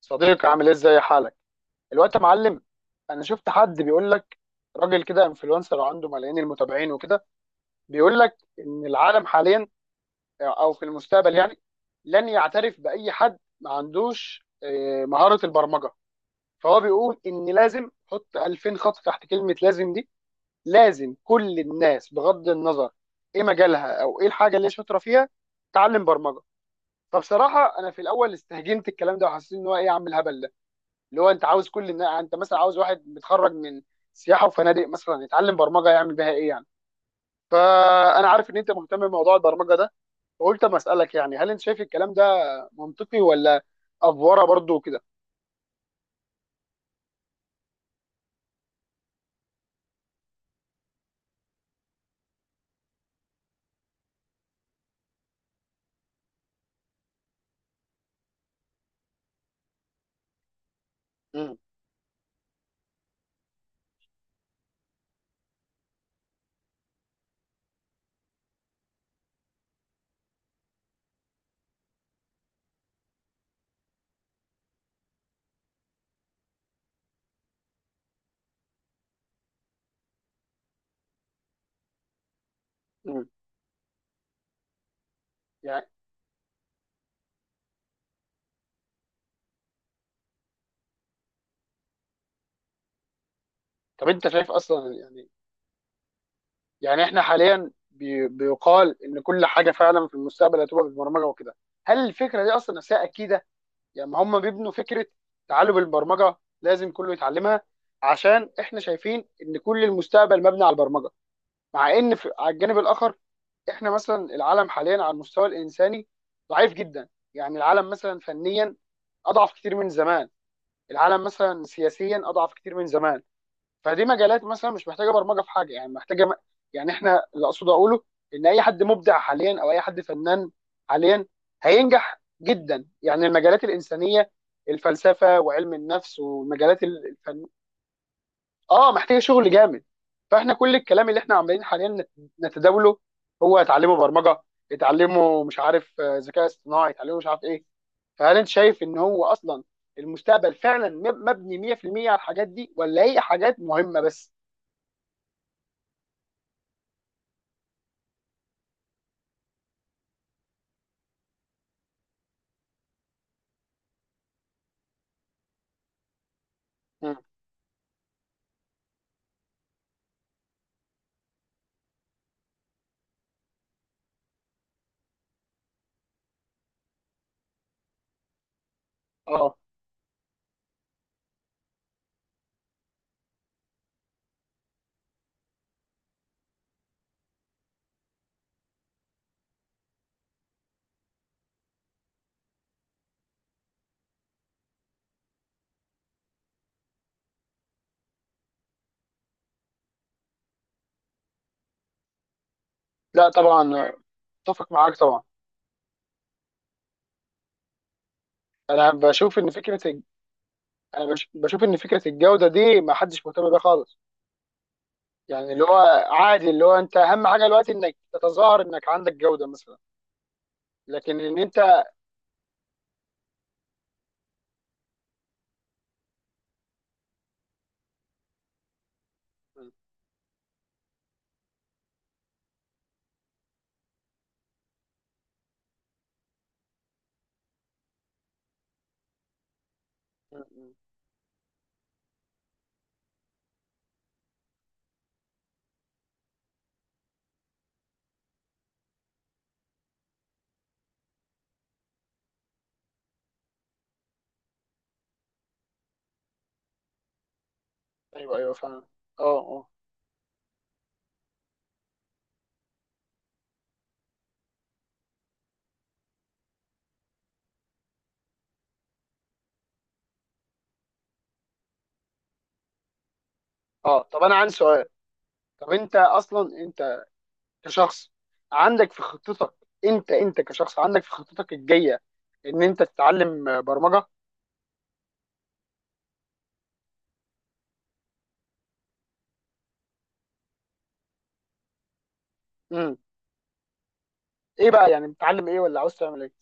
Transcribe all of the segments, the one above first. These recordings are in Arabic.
صديقي عامل إيه؟ ازاي حالك الوقت يا معلم. انا شفت حد بيقول لك، راجل كده انفلونسر وعنده ملايين المتابعين وكده، بيقول لك ان العالم حاليا او في المستقبل يعني لن يعترف باي حد ما عندوش مهارة البرمجة. فهو بيقول ان لازم حط 2000 خط تحت كلمة لازم دي، لازم كل الناس بغض النظر ايه مجالها او ايه الحاجة اللي هي شاطرة فيها تعلم برمجة. فبصراحة انا في الاول استهجنت الكلام ده، وحسيت ان هو ايه يا عم الهبل، اللي هو انت عاوز يعني انت مثلا عاوز واحد متخرج من سياحه وفنادق مثلا يتعلم برمجه يعمل بيها ايه يعني. فانا عارف ان انت مهتم بموضوع البرمجه ده، فقلت اما اسالك يعني هل انت شايف الكلام ده منطقي ولا افوره برضو كده. امم. امم. يعني طب انت شايف اصلا يعني، يعني احنا حاليا بيقال ان كل حاجه فعلا في المستقبل هتبقى بالبرمجه وكده. هل الفكره دي اصلا نفسها اكيده؟ يعني ما هم بيبنوا فكره تعلم البرمجه لازم كله يتعلمها، عشان احنا شايفين ان كل المستقبل مبني على البرمجه، مع ان في على الجانب الاخر احنا مثلا العالم حاليا على المستوى الانساني ضعيف جدا. يعني العالم مثلا فنيا اضعف كتير من زمان، العالم مثلا سياسيا اضعف كتير من زمان. فدي مجالات مثلا مش محتاجه برمجه في حاجه، يعني يعني احنا اللي اقصد اقوله ان اي حد مبدع حاليا او اي حد فنان حاليا هينجح جدا، يعني المجالات الانسانيه، الفلسفه وعلم النفس ومجالات الفن. اه، محتاجه شغل جامد. فاحنا كل الكلام اللي احنا عمالين حاليا نتداوله هو اتعلموا برمجه، اتعلموا مش عارف ذكاء اصطناعي، اتعلموا مش عارف ايه. فهل انت شايف ان هو اصلا المستقبل فعلا مبني 100% على الحاجات دي، ولا هي حاجات مهمه بس؟ اه، لا طبعا، اتفق معاك طبعا. انا بشوف ان فكره الج- بشوف ان فكره الجوده دي ما حدش مهتم بيها خالص. يعني اللي هو عادي، اللي هو انت اهم حاجه دلوقتي انك تتظاهر انك عندك جوده مثلا. لكن ان انت م- م- ايوه ايوه فعلا. اه اه. اه، طب انا عندي سؤال. طب انت اصلا انت كشخص عندك في خطتك، انت كشخص عندك في خطتك الجايه ان انت تتعلم برمجه. امم. ايه بقى، يعني بتتعلم ايه ولا عاوز تعمل ايه؟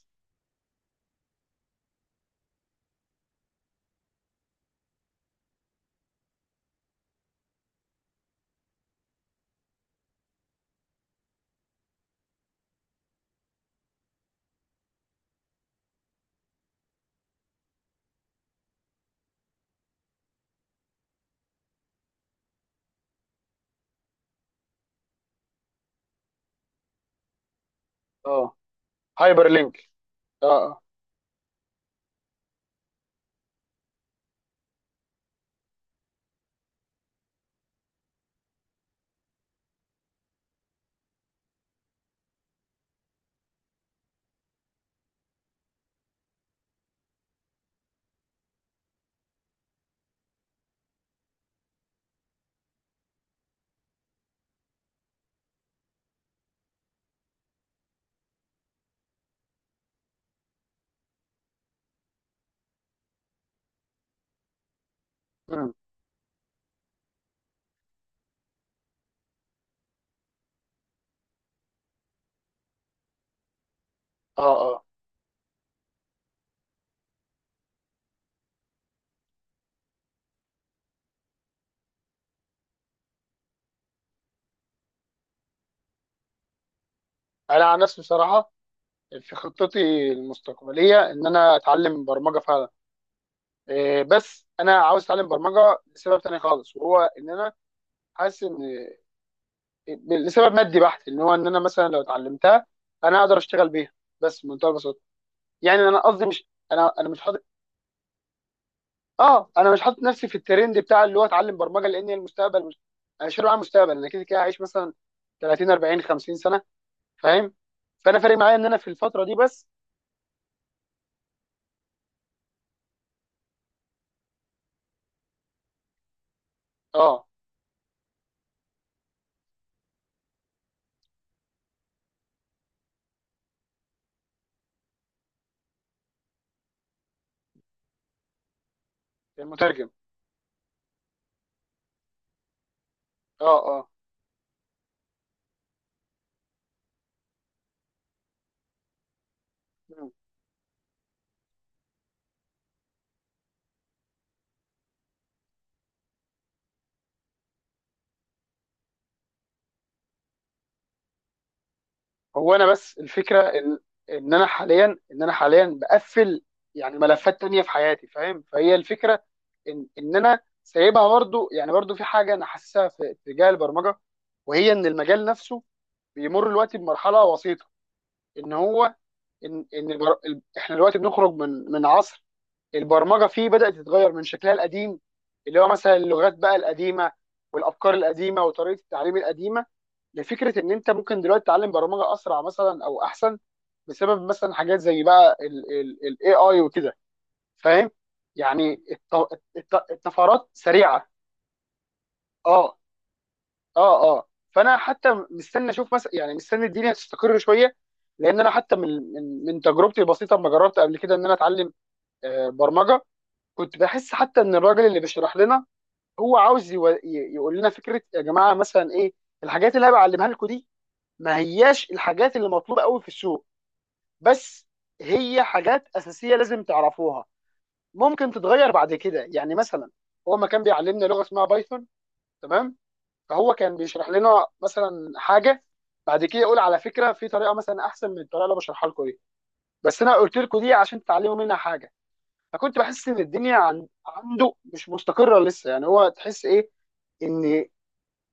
اه، هايبر لينك. اه. مم. اه اه. انا عن نفسي بصراحه في خطتي المستقبليه ان انا اتعلم برمجه فعلا. إيه، بس انا عاوز اتعلم برمجه لسبب تاني خالص، وهو ان انا حاسس ان، لسبب مادي بحت، ان هو ان انا مثلا لو اتعلمتها انا اقدر اشتغل بيها بس بمنتهى البساطه. يعني انا قصدي مش انا مش حاطط. اه، انا مش حاطط نفسي في الترند بتاع اللي هو اتعلم برمجه لان هي المستقبل، مش... انا مش على المستقبل، انا كده كده عايش مثلا 30 40 50 سنه، فاهم؟ فانا فارق معايا ان انا في الفتره دي بس. اه. المترجم. اه اه. مم. هو انا بس الفكره ان انا حاليا ان انا حاليا بقفل يعني ملفات تانية في حياتي، فاهم؟ فهي الفكره ان انا سايبها برضو، يعني برضو في حاجه انا حاسسها في اتجاه البرمجه، وهي ان المجال نفسه بيمر دلوقتي بمرحله وسيطه، ان هو ان ان البر... ال- احنا دلوقتي بنخرج من عصر البرمجه فيه، بدات تتغير من شكلها القديم، اللي هو مثلا اللغات بقى القديمه والافكار القديمه وطريقه التعليم القديمه، لفكره ان انت ممكن دلوقتي تتعلم برمجه اسرع مثلا او احسن بسبب مثلا حاجات زي بقى الاي اي وكده، فاهم؟ يعني الطفرات سريعه. اه اه. اه، فانا حتى مستني اشوف مثلا، يعني مستني الدنيا تستقر شويه، لان انا حتى من تجربتي البسيطه لما جربت قبل كده ان انا اتعلم برمجه، كنت بحس حتى ان الراجل اللي بيشرح لنا هو عاوز يقول لنا فكره يا جماعه، مثلا ايه الحاجات اللي انا بعلمها لكم دي؟ ما هياش الحاجات اللي مطلوبه قوي في السوق، بس هي حاجات اساسيه لازم تعرفوها، ممكن تتغير بعد كده يعني مثلا. هو ما كان بيعلمنا لغه اسمها بايثون، تمام؟ فهو كان بيشرح لنا مثلا حاجه بعد كده يقول: على فكره في طريقه مثلا احسن من الطريقه اللي أنا بشرحها لكم دي، بس انا قلت لكم دي عشان تتعلموا منها حاجه. فكنت بحس ان الدنيا عنده مش مستقره لسه، يعني هو تحس ايه؟ ان،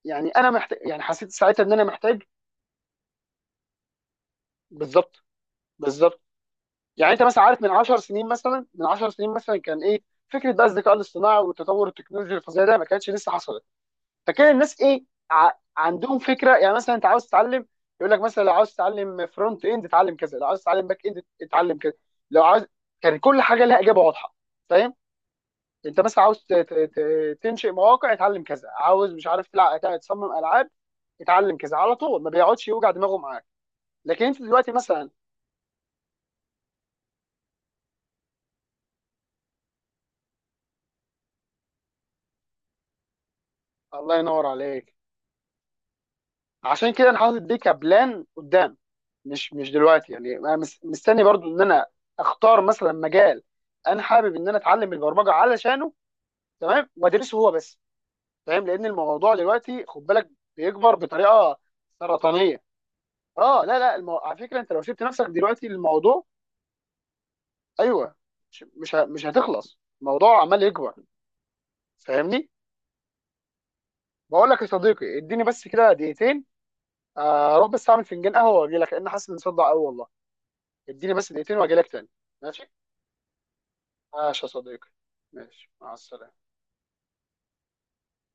يعني انا محتاج، يعني حسيت ساعتها ان انا محتاج. بالظبط بالظبط. يعني انت مثلا عارف من 10 سنين مثلا، من 10 سنين مثلا كان ايه فكره بقى الذكاء الاصطناعي والتطور التكنولوجي الفظيع ده؟ ما كانتش لسه حصلت. فكان الناس ايه، ع... عندهم فكره، يعني مثلا انت عاوز تتعلم، يقول لك مثلا لو عاوز تتعلم فرونت اند اتعلم كذا، لو عاوز تتعلم باك اند اتعلم كذا، لو عاوز، كان كل حاجه لها اجابه واضحه، فاهم؟ انت مثلا عاوز تنشئ مواقع اتعلم كذا، عاوز مش عارف تصمم العاب اتعلم كذا، على طول ما بيقعدش يوجع دماغه معاك. لكن انت دلوقتي مثلا، الله ينور عليك، عشان كده انا حاطط دي كبلان قدام، مش دلوقتي، يعني انا مستني برضو ان انا اختار مثلا مجال انا حابب ان انا اتعلم البرمجه علشانه تمام، وادرسه هو بس، فاهم؟ لان الموضوع دلوقتي خد بالك بيكبر بطريقه سرطانيه. اه لا لا، على فكره انت لو سبت نفسك دلوقتي للموضوع، ايوه، مش هتخلص، الموضوع عمال يكبر، فاهمني؟ بقول لك يا صديقي، اديني بس كده دقيقتين، اروح بس اعمل فنجان قهوه واجي لك، لان حاسس اني مصدع قوي والله. اديني بس دقيقتين واجي لك تاني. ماشي. ماشي يا صديقي. ماشي، مع السلامة.